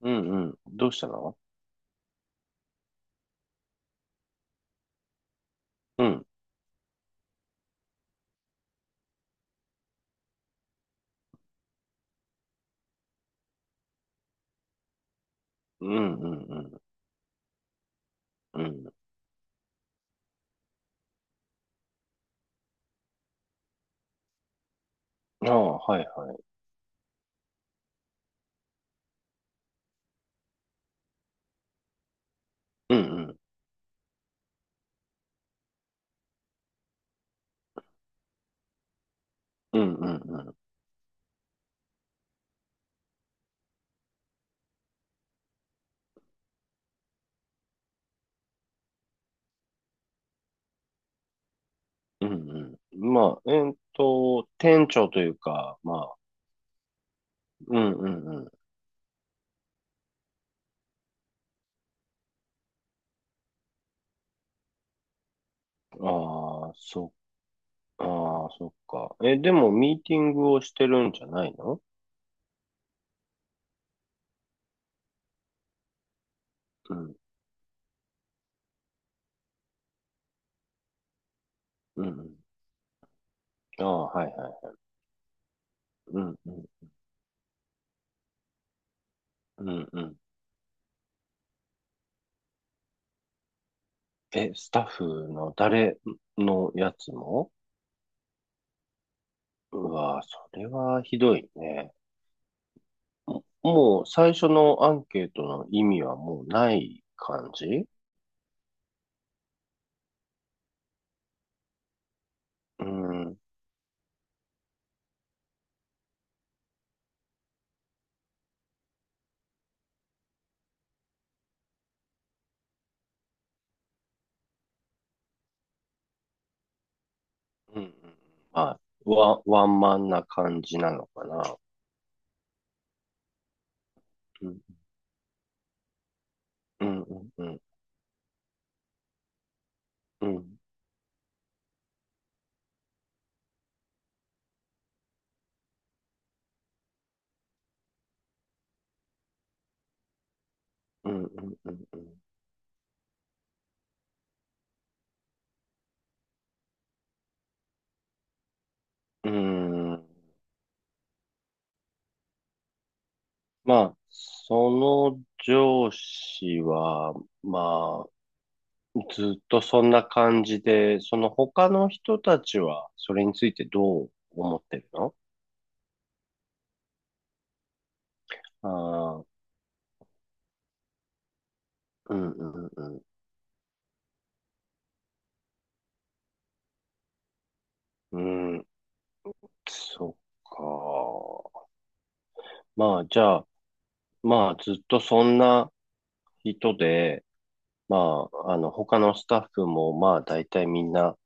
うんうん。どうしたの？うん。うんうんうんうん。ああ、はいはい。うんうん。うんうんうん。うんうん。まあ、店長というか、まあ、うんうんうん。ああ、ああ、そっか。え、でも、ミーティングをしてるんじゃないの？うん。うんうん。ああ、はいはい。うんうん。うんうん。え、スタッフの誰のやつも？うわ、それはひどいね。もう最初のアンケートの意味はもうない感じ？うん。うんうん。まあ、ワンマンな感じなのかな。うん。うんうんうん。うん。うんうんうん。うん。まあ、その上司は、まあ、ずっとそんな感じで、その他の人たちはそれについてどう思ってるの？ああー、うんうんうん。うん。そっか。まあ、じゃあ、まあ、ずっとそんな人で、まあ、他のスタッフも、まあ、大体みんな、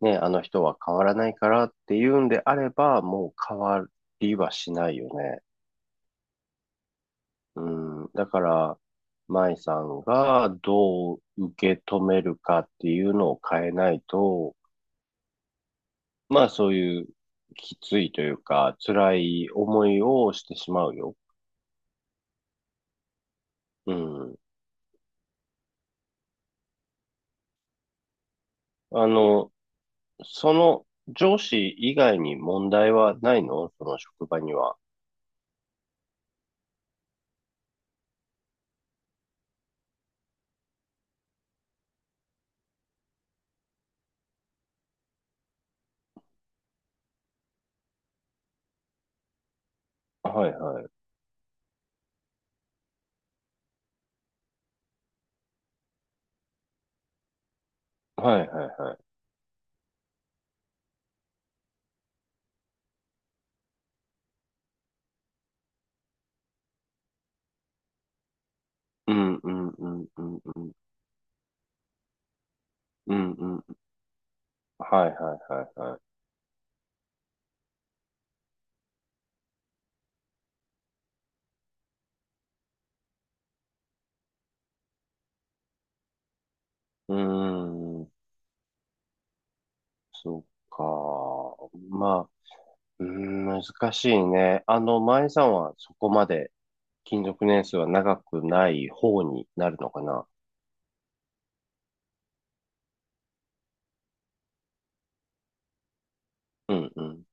ね、あの人は変わらないからっていうんであれば、もう変わりはしないよね。うん。だから、舞さんがどう受け止めるかっていうのを変えないと、まあ、そういうきついというか、辛い思いをしてしまうよ。うん。あの、その上司以外に問題はないの？その職場には。はいはい。はいはいはい。うんうんうんうんうん。うんうん。はいはいはいはい。うーん。そっか。まあ、うーん、難しいね。前さんはそこまで勤続年数は長くない方になるのかな？うんう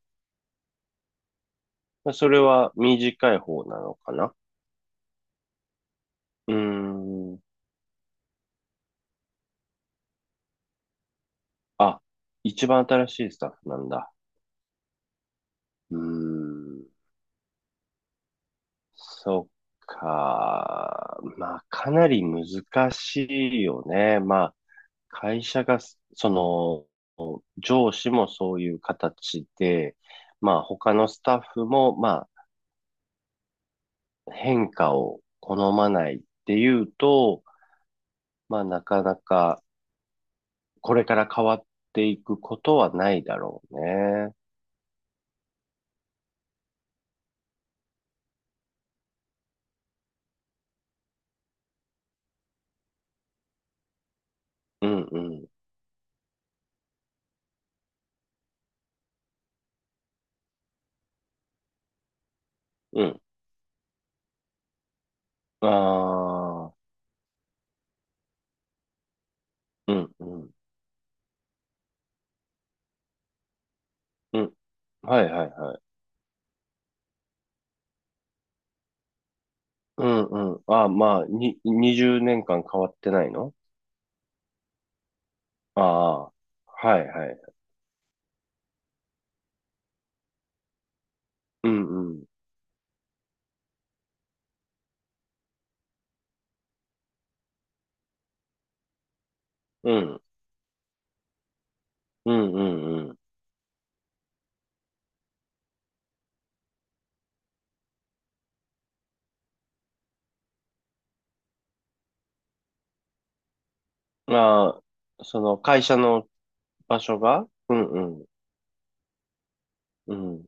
ん。それは短い方なのかな？うーん。あ、一番新しいスタッフなんだ。うーん。そっか。まあ、かなり難しいよね。まあ、会社が、その、上司もそういう形で、まあ、他のスタッフも、まあ、変化を好まないっていうと、まあ、なかなか、これから変わっていくことはないだろうね。うん、うん、うん。ああ、うん、うん、うん。はい、はい、はい。うん、うん。ああ、まあ、20年間変わってないの？ああ、はいはい。うんうん。うん。うんうんうん。まあ、その会社の場所が。うんうん。うん。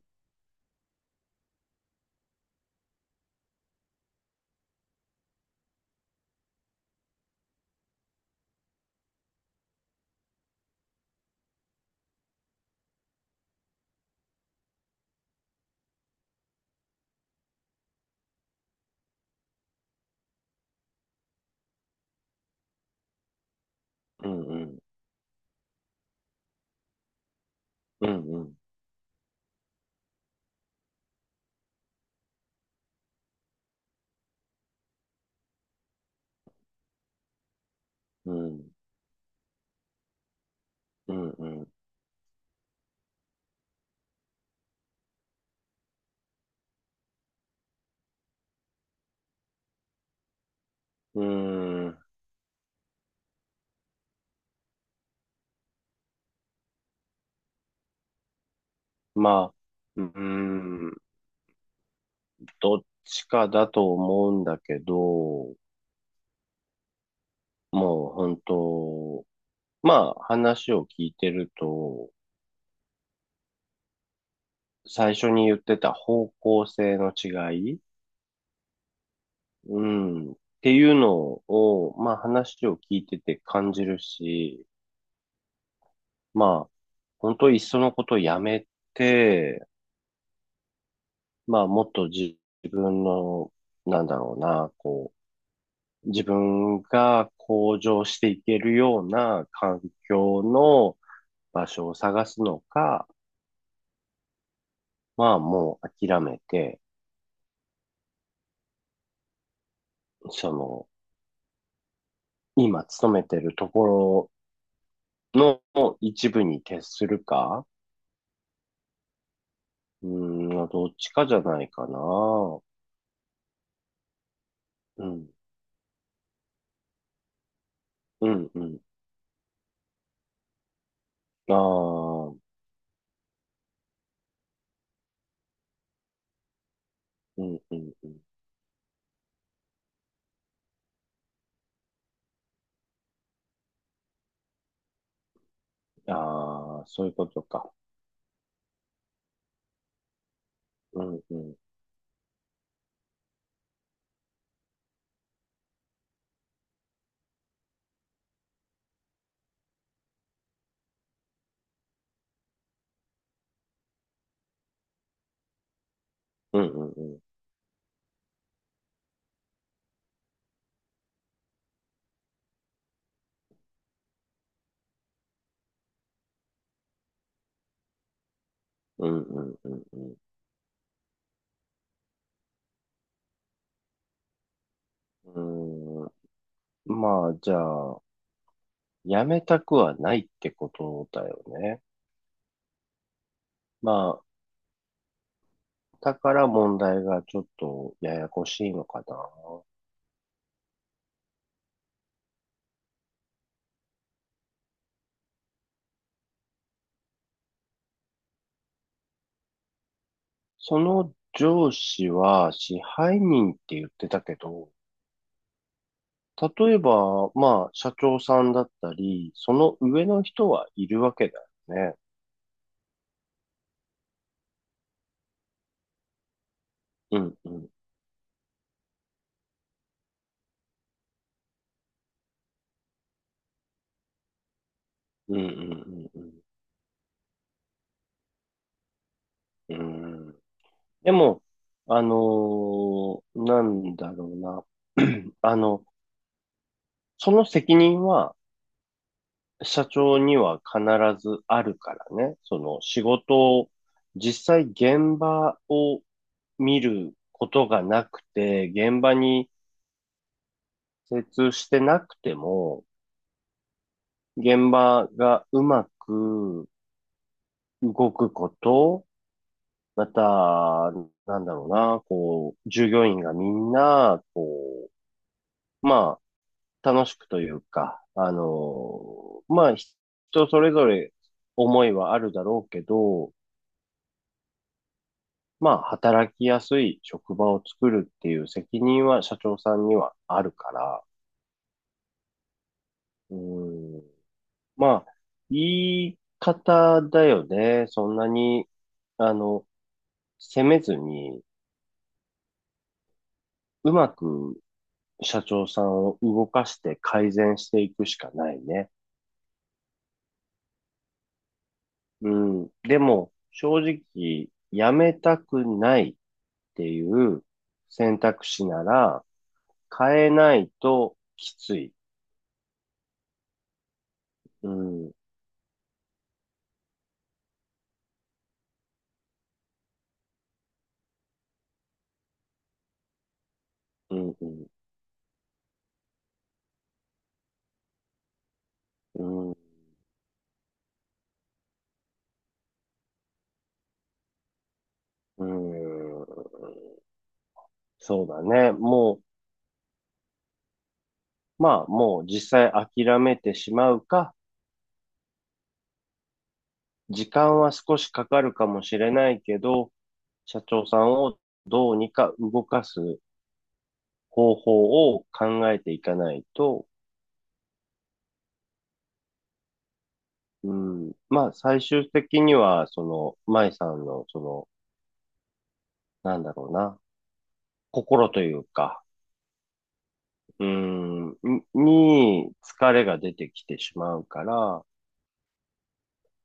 うんうん。うんうん。うんうん。うん。まあ、うん。どっちかだと思うんだけど、もう本当、まあ話を聞いてると、最初に言ってた方向性の違い。うん。っていうのを、まあ話を聞いてて感じるし、まあ、本当いっそのことやめて、まあもっと自分の、なんだろうな、こう、自分が向上していけるような環境の場所を探すのか、まあもう諦めて、その、今勤めてるところの一部に徹するか、うん、どっちかじゃないかな。うん。うん、うん。ああ、うん、うん、うん。ああ、そういうことか。うん、うん。うん、うん、うん。うん、うん、うん。うん。まあ、じゃあ、やめたくはないってことだよね。まあ、だから問題がちょっとややこしいのかな。その上司は支配人って言ってたけど、例えば、まあ、社長さんだったり、その上の人はいるわけだよね。うんうんうんうんうんうん。うん。でも、なんだろうな。あの、その責任は社長には必ずあるからね。その仕事を、実際現場を見ることがなくて、現場に精通してなくても、現場がうまく動くこと、また、なんだろうな、こう、従業員がみんな、まあ、楽しくというか、まあ、人それぞれ思いはあるだろうけど、まあ、働きやすい職場を作るっていう責任は社長さんにはあるから、うん、まあ、言い方だよね。そんなに、あの、責めずに、うまく社長さんを動かして改善していくしかないね。うん、でも、正直、辞めたくない。っていう選択肢なら、変えないときつい。うん、うん、うん、うん、うん。そうだね。もう、まあ、もう実際諦めてしまうか、時間は少しかかるかもしれないけど、社長さんをどうにか動かす方法を考えていかないと、うん、まあ、最終的には、その、舞さんの、その、なんだろうな、心というか、うーん、に疲れが出てきてしまうから、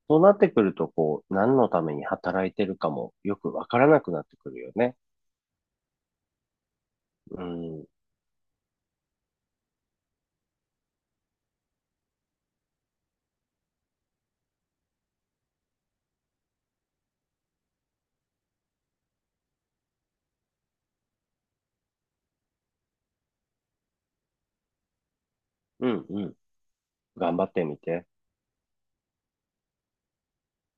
そうなってくると、こう、何のために働いてるかもよくわからなくなってくるよね。うん、うん、うん。頑張ってみて。